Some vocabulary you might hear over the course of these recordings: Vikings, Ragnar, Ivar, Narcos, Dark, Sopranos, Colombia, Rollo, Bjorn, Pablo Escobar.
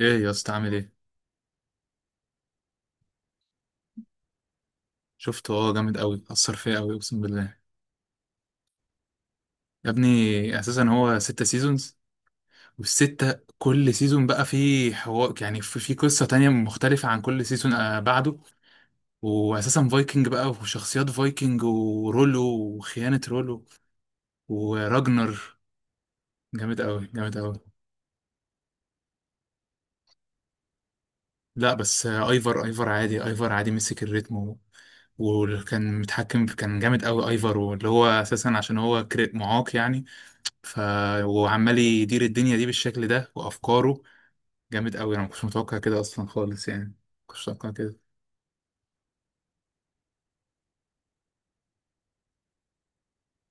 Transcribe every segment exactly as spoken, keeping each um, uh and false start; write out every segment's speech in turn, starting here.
ايه يا اسطى عامل ايه؟ شفته. اه، جامد قوي، اثر فيا قوي، اقسم بالله. يا ابني، اساسا هو ستة سيزونز، والستة كل سيزون بقى فيه حوار، يعني في في قصة تانية مختلفة عن كل سيزون آه بعده. واساسا فايكنج بقى وشخصيات فايكنج ورولو، وخيانة رولو، وراجنر. جامد قوي جامد قوي. لا، بس آه ايفر ايفر عادي، ايفر عادي مسك الريتم و- وكان متحكم، كان جامد قوي ايفر، واللي هو اساسا عشان هو كري- معاق يعني. ف وعمال يدير الدنيا دي بالشكل ده وافكاره. جامد قوي، انا ما كنتش متوقع كده اصلا خالص، يعني ما كنتش متوقع كده.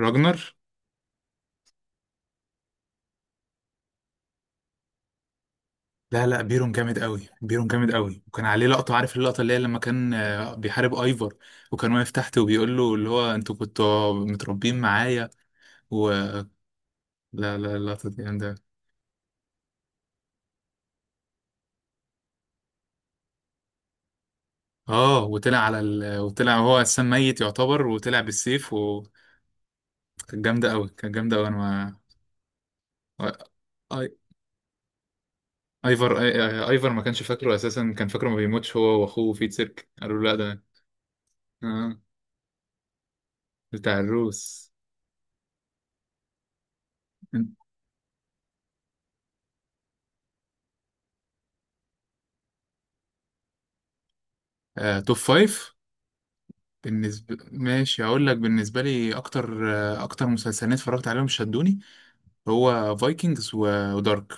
راجنر. لا لا، بيرون جامد قوي، بيرون جامد قوي، وكان عليه لقطه، عارف اللقطه اللي هي لما كان آه، بيحارب ايفر، وكان واقف تحت وبيقول له اللي هو انتوا كنتوا متربيين معايا. و لا لا، اللقطه دي جامده. اه، وطلع على ال... وطلع هو السام ميت يعتبر، وطلع بالسيف، وكانت جامده قوي، كانت جامده قوي. انا ما ايفر آي- آي- ايفر ما كانش فاكره اساسا، كان فاكره ما بيموتش هو واخوه في سيرك، قالوا له لا ده. آه. بتاع الروس. آه، توب فايف. بالنسبة، ماشي هقول لك، بالنسبة لي أكتر آه أكتر مسلسلين اتفرجت عليهم شدوني هو فايكنجز ودارك.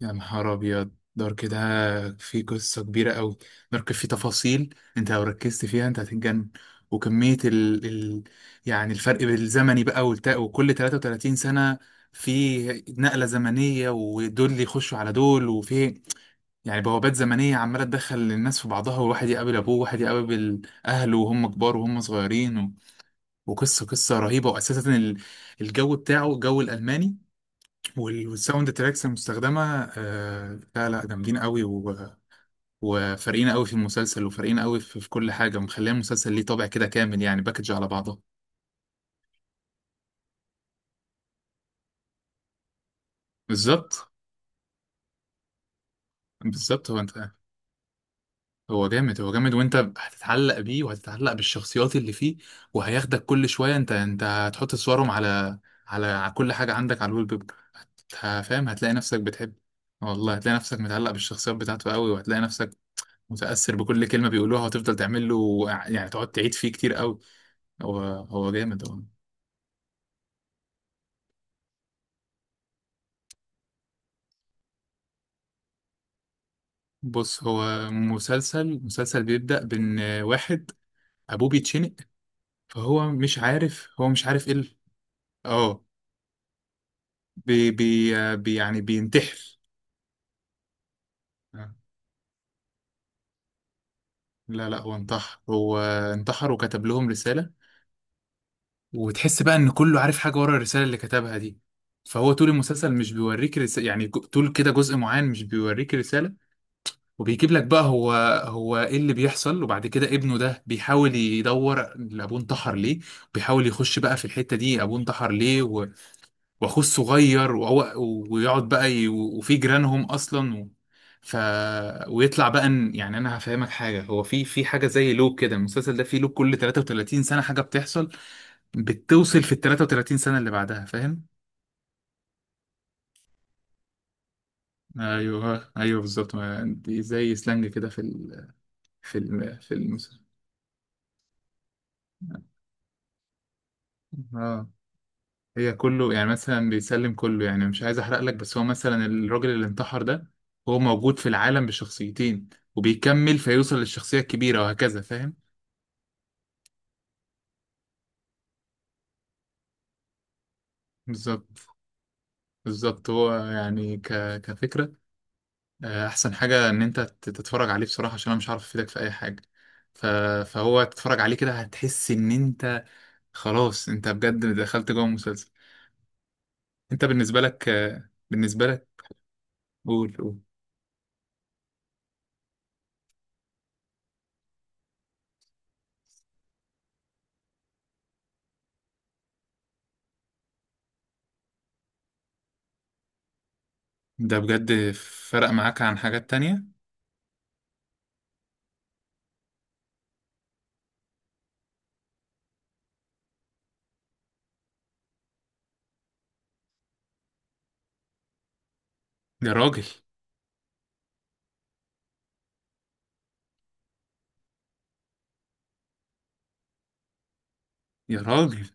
يا نهار أبيض، دارك ده فيه قصة كبيرة أوي. دارك فيه تفاصيل، أنت لو ركزت فيها أنت هتتجنن. وكمية ال... ال... يعني الفرق بالزمني بقى والتا... وكل ثلاثة وثلاثين سنة في نقلة زمنية، ودول يخشوا على دول، وفي يعني بوابات زمنية عمالة تدخل الناس في بعضها، وواحد يقابل أبوه، وواحد يقابل أهله وهم كبار وهم صغيرين و... وقصة قصة رهيبة. وأساسا ال- الجو بتاعه الجو الألماني، وال- والساوند تراكس المستخدمه، آه لا لا جامدين قوي و- وفارقين قوي في المسلسل، وفارقين قوي في, في كل حاجه، ومخليه المسلسل ليه طابع كده كامل، يعني باكج على بعضه. بالظبط بالظبط. هو انت، هو جامد، هو جامد، وانت هتتعلق بيه وهتتعلق بالشخصيات اللي فيه، وهياخدك كل شويه. انت انت هتحط صورهم على على على كل حاجه عندك، على الويب بيب. هت- فاهم، هتلاقي نفسك بتحب. والله هتلاقي نفسك متعلق بالشخصيات بتاعته قوي، وهتلاقي نفسك متأثر بكل كلمة بيقولوها، وتفضل تعمل له، يعني تقعد تعيد فيه كتير قوي. هو هو جامد هو. بص، هو مسلسل مسلسل بيبدأ بإن واحد أبوه بيتشنق، فهو مش عارف هو مش عارف إيه ال- اه، بي بي بي- يعني بينتحر. لا لا، هو انتحر، هو انتحر وكتب لهم رسالة، وتحس بقى إن كله عارف حاجة ورا الرسالة اللي كتبها دي. فهو طول المسلسل مش بيوريك رسالة، يعني جو- طول كده جزء معين مش بيوريك رسالة، وبيجيب لك بقى هو، هو ايه اللي بيحصل. وبعد كده ابنه ده بيحاول يدور ابوه انتحر ليه، بيحاول يخش بقى في الحتة دي ابوه انتحر ليه و- واخوه الصغير وهو- ويقعد بقى ي- وفي جيرانهم اصلا و... ف ويطلع بقى ان، يعني انا هفهمك حاجة، هو في في حاجة زي لوب كده، المسلسل ده فيه لوب كل ثلاث وثلاثين سنة حاجة بتحصل بتوصل في ال ثلاثة وثلاثين سنة اللي بعدها، فاهم؟ ايوه، ايوه بالظبط. ما- دي زي سلانج كده في ال... في الم... في المسلسل. آه. هي كله، يعني مثلا بيسلم كله، يعني مش عايز احرق لك، بس هو مثلا الراجل اللي انتحر ده هو موجود في العالم بشخصيتين، وبيكمل فيوصل للشخصية الكبيرة، وهكذا فاهم. بالظبط بالظبط، هو يعني ك... كفكرة. آه، احسن حاجة ان انت تت- تتفرج عليه بصراحة، عشان انا مش عارف افيدك في اي حاجة. ف... فهو تتفرج عليه كده هتحس ان انت خلاص، انت بجد دخلت جوه المسلسل. انت بالنسبة لك آه، بالنسبة لك. قول قول. ده بجد فرق معاك عن حاجات تانية. يا راجل. يا راجل،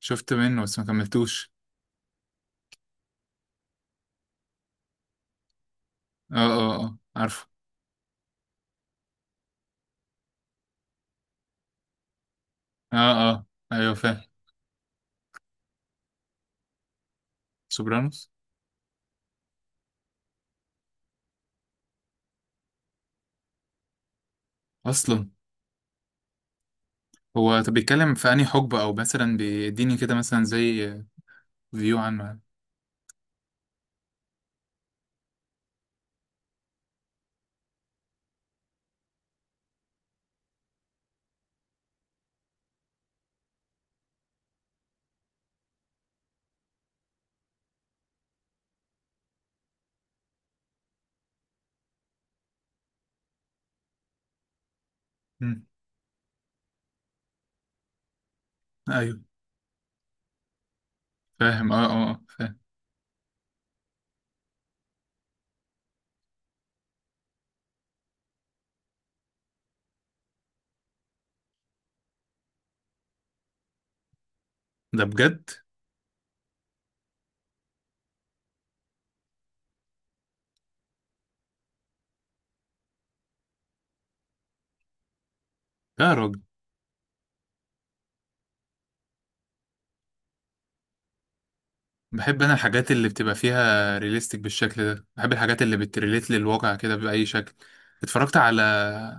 شفت منه بس ما كملتوش. اه، اه، اه، عارفه. اه، اه، ايوه فاهم. سوبرانوس. اصلا. هو طب بيتكلم في انهي حقبة؟ او مثلا بيديني كده مثلا زي فيو عنه، يعني. مم. ايوه فاهم. اه اه، آه، فاهم. ده بجد. لا يا راجل. بحب انا الحاجات اللي بتبقى فيها ريليستيك بالشكل ده، بحب الحاجات اللي بتريليت للواقع كده بأي شكل. اتفرجت على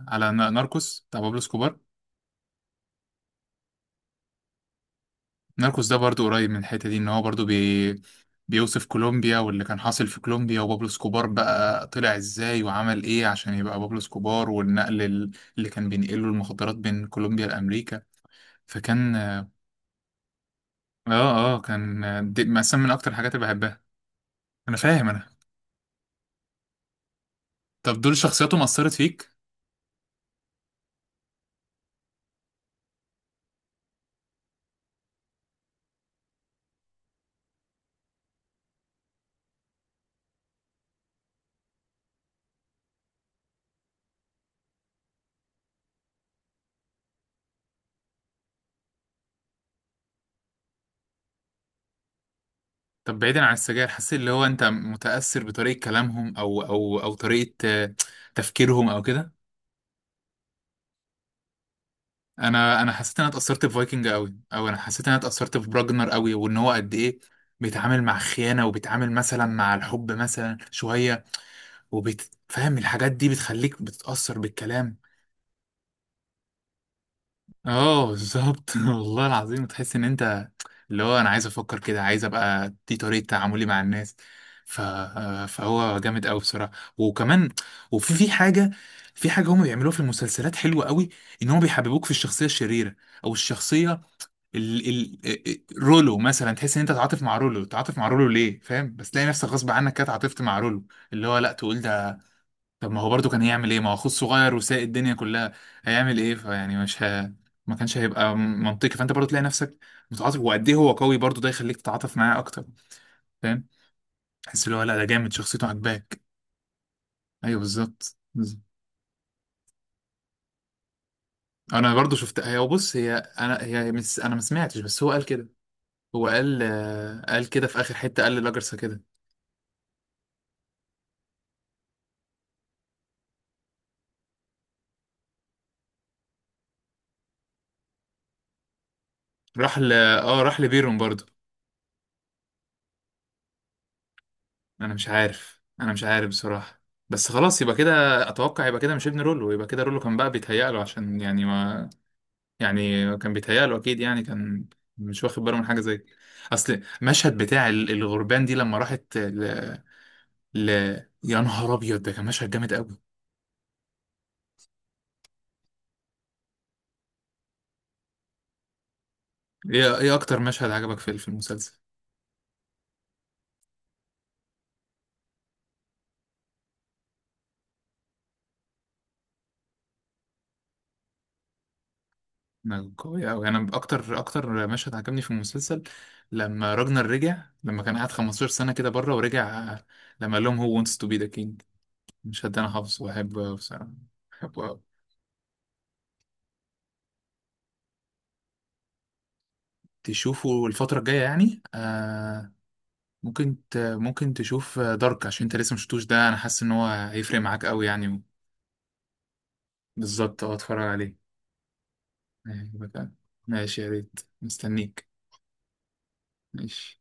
على ناركوس بتاع بابلو سكوبار. ناركوس ده برضو قريب من الحتة دي، ان هو برضو بي... بيوصف كولومبيا واللي كان حاصل في كولومبيا، وبابلو سكوبار بقى طلع ازاي وعمل ايه عشان يبقى بابلو سكوبار، والنقل ال- اللي كان بينقله المخدرات بين كولومبيا لأمريكا. فكان اه، اه كان دي مثلا من اكتر الحاجات اللي بحبها. انا فاهم انا. طب دول شخصياتهم أثرت فيك؟ طب بعيدا عن السجاير، حسيت اللي هو انت متأثر بطريقة كلامهم او او او طريقة آه، تفكيرهم او كده. انا انا حسيت ان انا اتاثرت بفايكنج قوي، او انا حسيت ان انا اتاثرت براجنر قوي، وان هو قد ايه بيتعامل مع خيانه، وبيتعامل مثلا مع الحب مثلا شويه، وبتفهم الحاجات دي بتخليك بتتاثر بالكلام. اه بالظبط، والله العظيم، تحس ان انت اللي هو انا عايز افكر كده، عايز ابقى دي طريقه تعاملي مع الناس. ف... فهو جامد قوي بصراحه. وكمان، وفي في حاجه، في حاجه هم بيعملوها في المسلسلات حلوه قوي، ان هم بيحببوك في الشخصيه الشريره، او الشخصيه، ال ال رولو مثلا. تحس ان انت تعاطف مع رولو، تعاطف مع رولو ليه فاهم، بس تلاقي نفسك غصب عنك كده تعاطفت مع رولو. اللي هو لا، تقول ده طب ما هو برضه كان هيعمل ايه؟ ما هو اخوه الصغير وسايق الدنيا كلها، هيعمل ايه؟ فيعني مش ه... ما كانش هيبقى منطقي، فانت برضه تلاقي نفسك متعاطف، وقد ايه هو قوي برضه ده يخليك تتعاطف معاه اكتر، فاهم. تحس اللي هو لا ده جامد، شخصيته عجباك. ايوه بالظبط بالظبط. انا برضه شفت. هي بص هي انا هي مس... انا ما سمعتش، بس هو قال كده. هو قال آه، قال كده في اخر حته، قال للاجرسه كده. راح ل اه راح لبيرون برضو. انا مش عارف انا مش عارف بصراحة، بس خلاص يبقى كده. اتوقع يبقى كده، مش ابن رولو، يبقى كده رولو كان بقى بيتهيأ له، عشان يعني ما، يعني كان بيتهيأ له اكيد، يعني كان مش واخد باله من حاجة زي كده. اصل مشهد بتاع ال- الغربان دي لما راحت ل... ل... يا نهار ابيض، ده كان مشهد جامد قوي. ايه ايه اكتر مشهد عجبك في في المسلسل؟ ما قوي قوي، انا اكتر اكتر مشهد عجبني في المسلسل لما راجنر رجع، لما كان قاعد خمستاشر سنة كده بره ورجع، لما قال لهم هو wants to be the king. المشهد ده انا حافظه واحبه أوي بصراحة. بحبه أوي. تشوفه الفترة الجاية، يعني آه ممكن ت... ممكن تشوف دارك، عشان انت لسه مشفتوش ده، انا حاسس ان هو هيفرق معاك قوي يعني. بالظبط، اه اتفرج عليه. هيعجبك أوي. ماشي، يا ريت مستنيك. ماشي